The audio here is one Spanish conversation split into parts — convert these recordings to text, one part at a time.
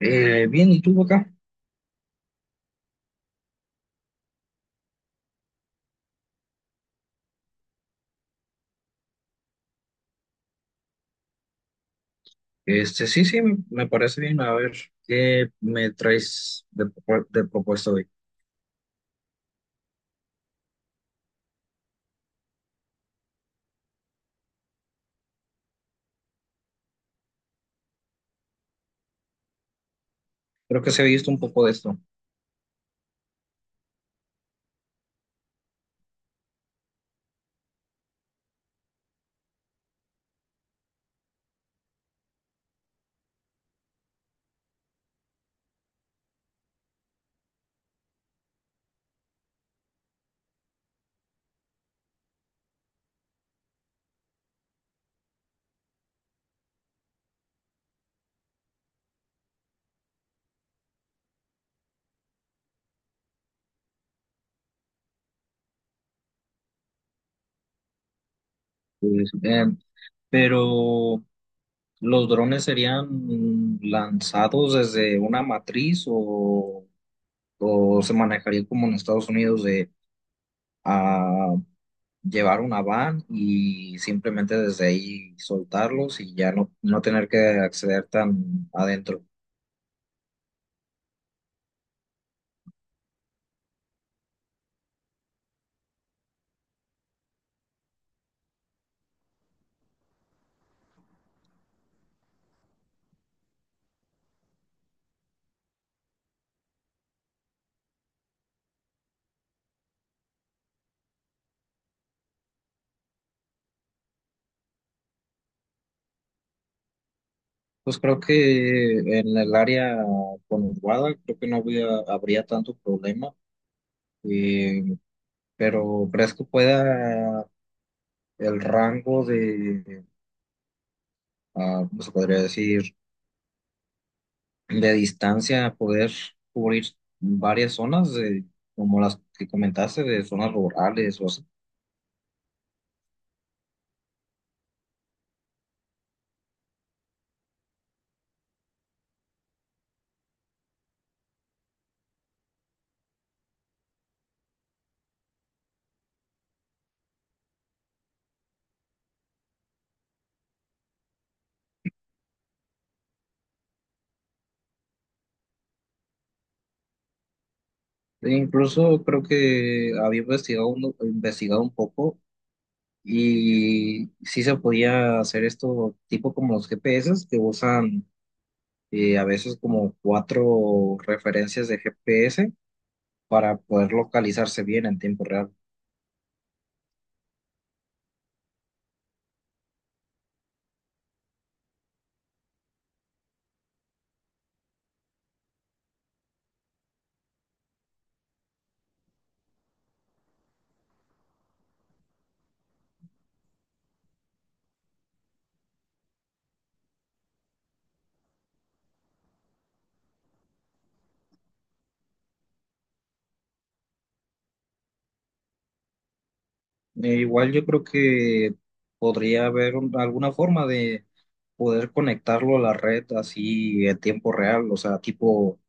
Bien, ¿y tú Boca? Sí, sí, me parece bien. A ver, ¿qué me traes de, de propuesta hoy? Creo que se ha visto un poco de esto. Pues, pero, ¿los drones serían lanzados desde una matriz o se manejaría como en Estados Unidos de ah, llevar una van y simplemente desde ahí soltarlos y ya no, no tener que acceder tan adentro? Pues creo que en el área conurbada creo que no había- habría tanto problema, eh, pero ¿crees que pueda el rango de, ¿cómo se podría decir, de distancia poder cubrir varias zonas, como las que comentaste, de zonas rurales o así? E incluso creo que investigado un poco y sí se podía hacer esto tipo como los GPS que usan y a veces como 4 referencias de GPS para poder localizarse bien en tiempo real. Igual yo creo que podría haber alguna forma de poder conectarlo a la red así en tiempo real, o sea, tipo,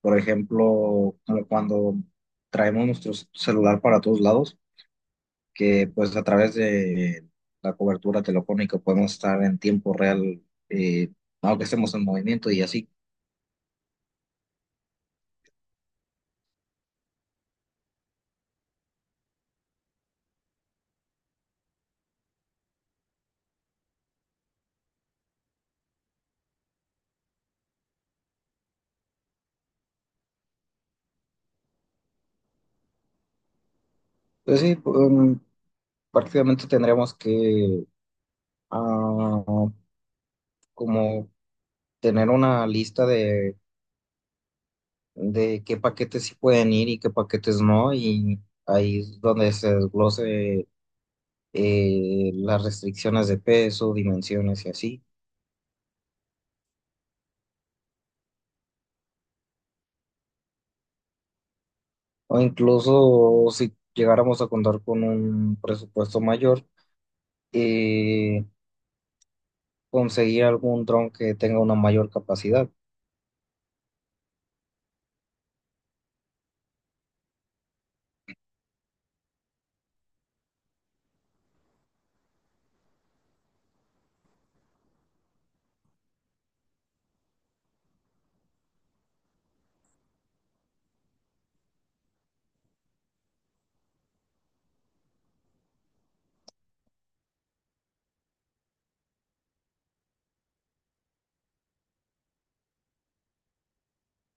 por ejemplo, como cuando traemos nuestro celular para todos lados, que pues a través de la cobertura telefónica podemos estar en tiempo real, eh, aunque estemos en movimiento y así. Pues sí, prácticamente tendríamos que ah, como tener una lista de qué paquetes sí pueden ir y qué paquetes no, y ahí es donde se desglose las restricciones de peso, dimensiones y así. O incluso si llegáramos a contar con un presupuesto mayor, eh, conseguir algún dron que tenga una mayor capacidad.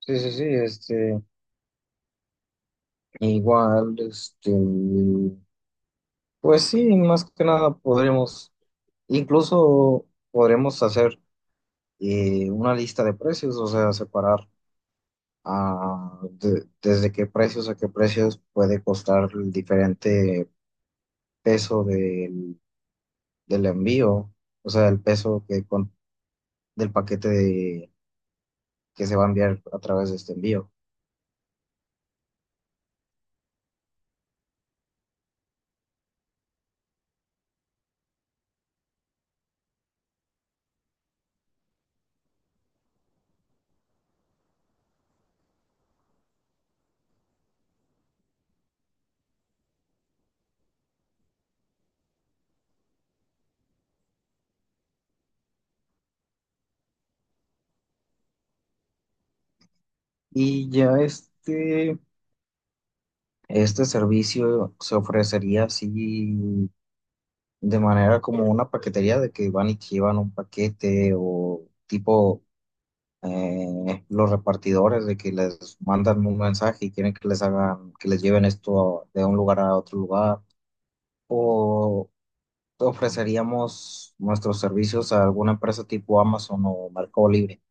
Sí, sí, sí, este, igual, este, pues sí, más que nada podremos, incluso podremos hacer una lista de precios, o sea, separar desde qué precios a qué precios puede costar el diferente peso del, del envío, o sea, el peso que del paquete que se va a enviar a través de este envío. Y ya este servicio se ofrecería así de manera como una paquetería de que van y te llevan un paquete o tipo los repartidores de que les mandan un mensaje y quieren que les hagan, que les lleven esto de un lugar a otro lugar. O ofreceríamos nuestros servicios a alguna empresa tipo Amazon o Mercado Libre.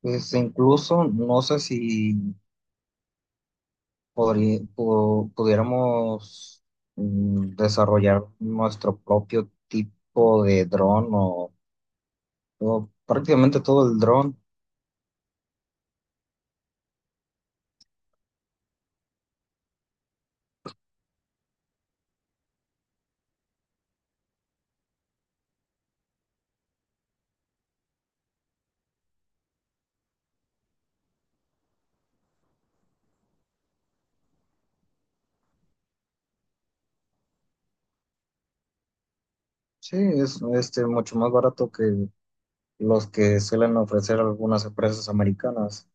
Pues incluso no sé si pudiéramos desarrollar nuestro propio tipo de dron o prácticamente todo el dron. Sí, es este, mucho más barato que los que suelen ofrecer algunas empresas americanas.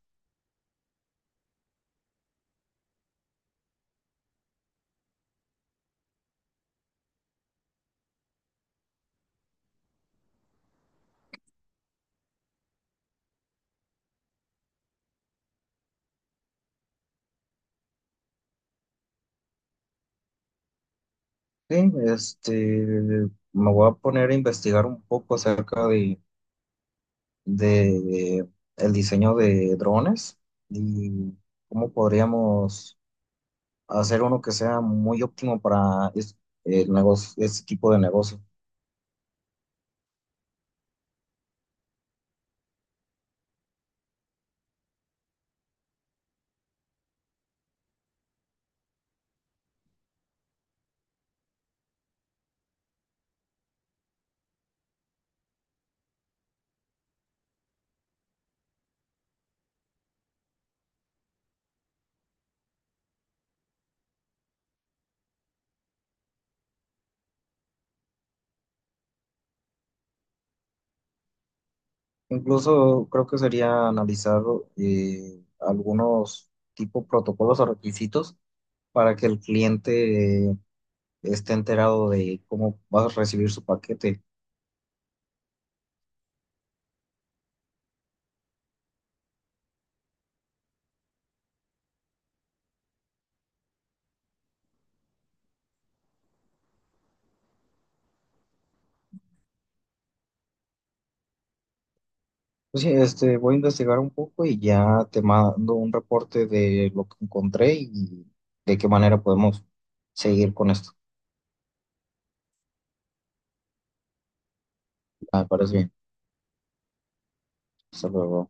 Sí, este, me voy a poner a investigar un poco acerca de el diseño de drones y cómo podríamos hacer uno que sea muy óptimo para el negocio, este tipo de negocio. Incluso creo que sería analizar algunos tipo protocolos o requisitos para que el cliente esté enterado de cómo vas a recibir su paquete. Pues sí, este, voy a investigar un poco y ya te mando un reporte de lo que encontré y de qué manera podemos seguir con esto. Ah, me parece bien. Hasta luego.